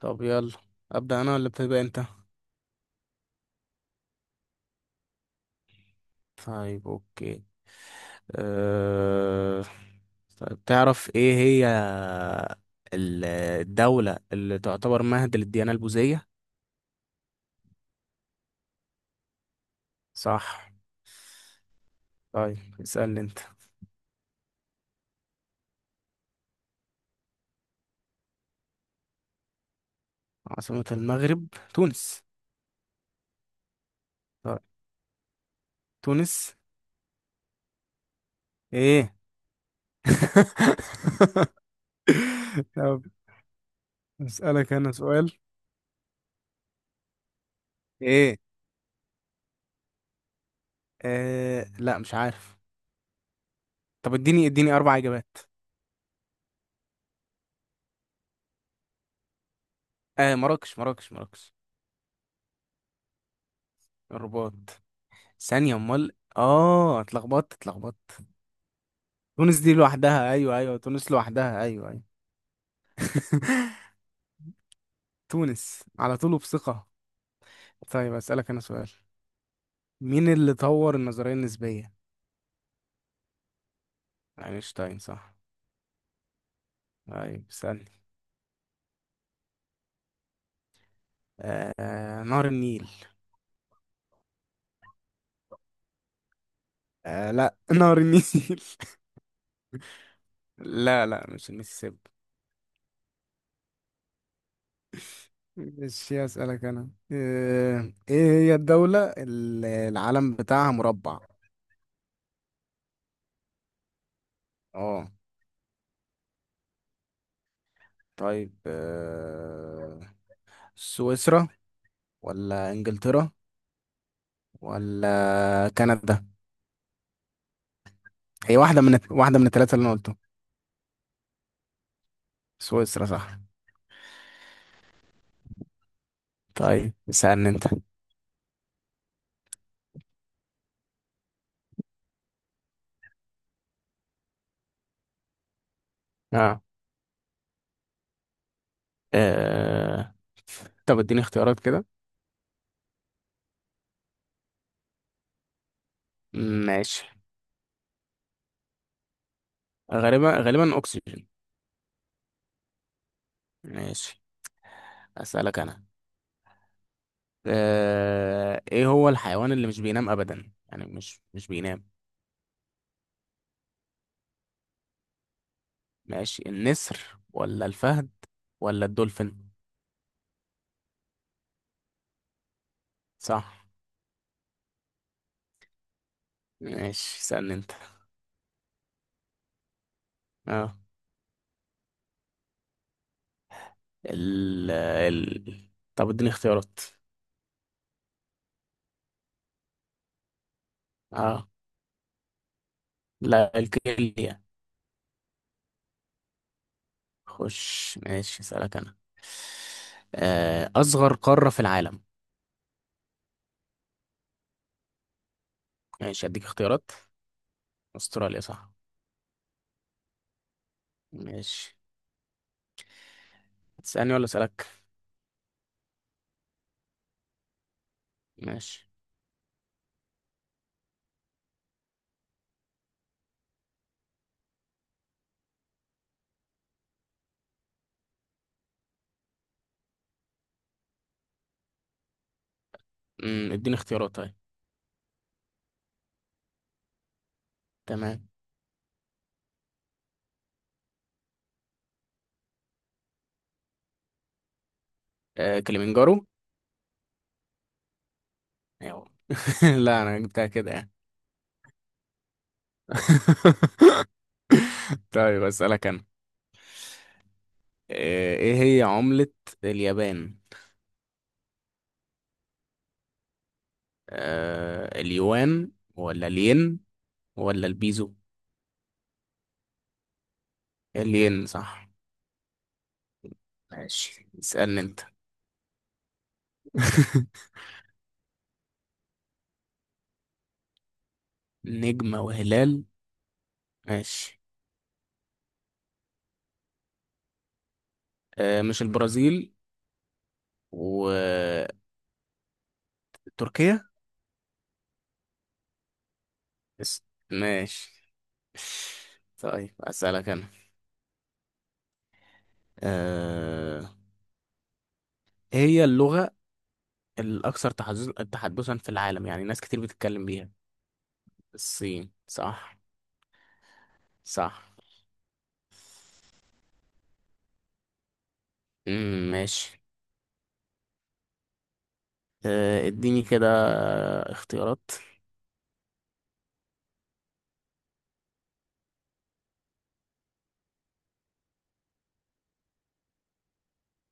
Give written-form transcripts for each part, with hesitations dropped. طب يلا، أبدأ أنا ولا بتبقى أنت؟ طيب أوكي. أه... طيب تعرف إيه هي ال- الدولة اللي تعتبر مهد للديانة البوذية؟ صح. طيب اسألني أنت. عاصمة المغرب تونس. طيب تونس. إيه؟ طب أسألك أنا سؤال. إيه؟ لا مش عارف. طب اديني أربع إجابات. آه، مراكش مراكش. الرباط، ثانية امال. اه، اتلخبطت. تونس دي لوحدها، ايوه ايوه، تونس لوحدها، ايوه ايوه. تونس على طول وبثقة. طيب اسألك انا سؤال. مين اللي طور النظرية النسبية؟ اينشتاين، صح. طيب اسألني. آه، نهر النيل. آه لا، نهر النيل. لا لا، مش المسيسيبي. مش اسألك انا آه، ايه هي الدولة اللي العلم بتاعها مربع؟ اه. طيب آه، سويسرا، ولا انجلترا، ولا كندا؟ هي واحدة من الثلاثة اللي انا قلتهم. سويسرا، صح. طيب اسألني انت. اه، آه. طب اديني اختيارات كده. ماشي. غالبا، اكسجين. ماشي. اسألك انا. آه، ايه هو الحيوان اللي مش بينام ابدا؟ يعني مش بينام. ماشي، النسر ولا الفهد ولا الدولفين؟ صح. ماشي اسألني انت. اه، ال طب اديني اختيارات. اه، لا الكيليا. خش، ماشي اسألك أنا. أصغر قارة في العالم. ماشي أديك اختيارات. أستراليا، صح. ماشي، تسألني ولا أسألك؟ ماشي. امم، اديني اختيارات طيب. تمام. كليمنجارو. أيوه، لا أنا جبتها كده يعني. طيب أسألك أنا. إيه هي عملة اليابان؟ اليوان، ولا الين، ولا البيزو؟ الين، صح. ماشي اسألني أنت. نجمة وهلال. ماشي. آه، مش البرازيل. وتركيا. بس. ماشي. طيب أسألك أنا. آه، إيه هي اللغة الأكثر تحدثا في العالم؟ يعني ناس كتير بتتكلم بيها. الصين، صح. صح. ماشي. آه اديني كده اختيارات.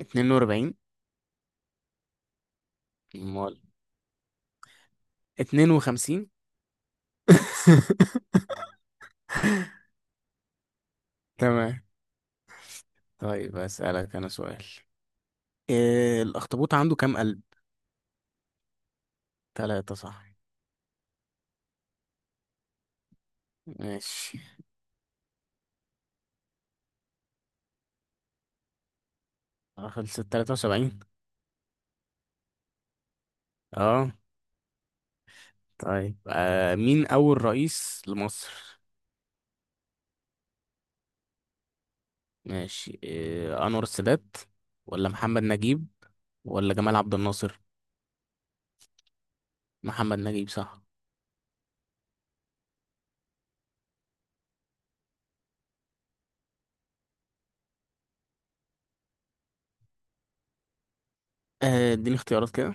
42. امال 52. تمام. طيب أسألك أنا سؤال. إيه الأخطبوط عنده كام قلب؟ تلاتة، صح. ماشي. آه، خلصت تلاتة وسبعين. اه. طيب آه، مين أول رئيس لمصر؟ ماشي، إيه، أنور السادات، ولا محمد نجيب، ولا جمال عبد الناصر؟ محمد نجيب، صح. اديني اختيارات كده.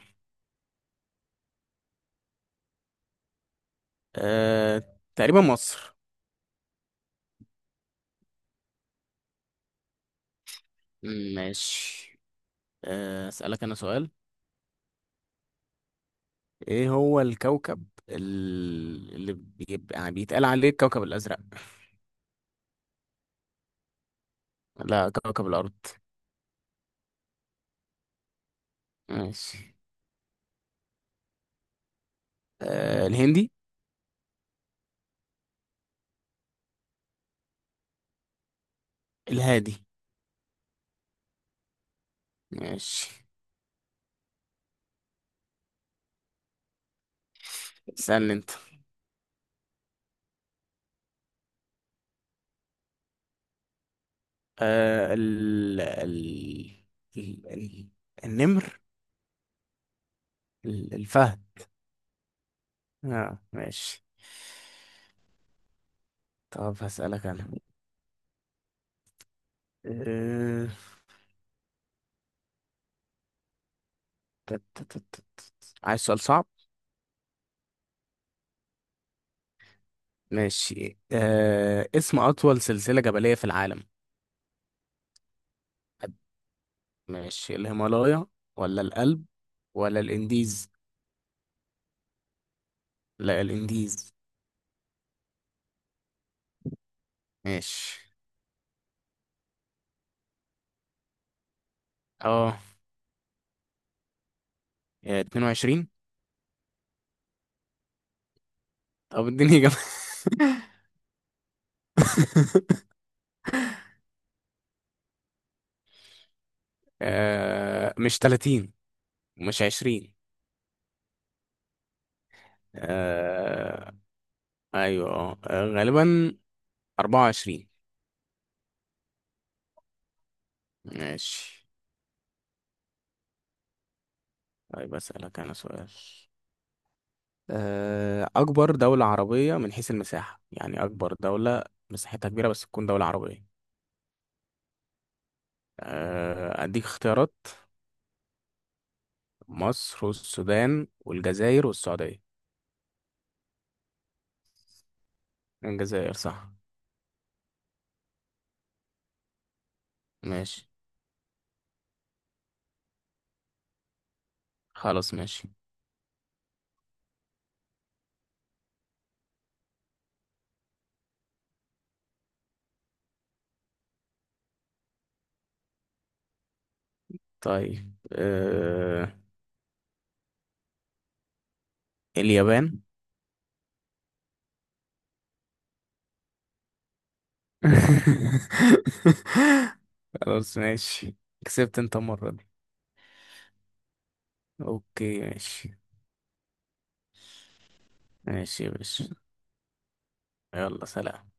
آه، تقريبا مصر. ماشي. آه، أسألك أنا سؤال. إيه هو الكوكب اللي بيبقى يعني بيتقال عليه الكوكب الأزرق؟ لا، كوكب الأرض. ماشي. آه، الهندي. الهادي. ماشي اسألني انت. آه، ال... ال... النمر. الفهد. اه، ماشي. طب هسألك انا. آه... تت- تت- تت. عايز سؤال صعب. ماشي. اسم أطول سلسلة جبلية في العالم. ماشي، الهيمالايا ولا الألب ولا الإنديز؟ لا، الإنديز. ماشي. اه، 22. طب اديني إجابة. آه، مش 30، مش 20. آه، ايوه. آه، غالبا 24. ماشي. طيب اسالك انا سؤال. آه، اكبر دولة عربية من حيث المساحة. يعني اكبر دولة مساحتها كبيرة بس تكون دولة عربية. آه، اديك اختيارات، مصر والسودان والجزائر والسعودية. الجزائر، صح. ماشي. خلاص ماشي. طيب آه، اليابان. خلاص ماشي، كسبت انت المرة دي. اوكي ماشي. ماشي يا باشا. يلا سلام.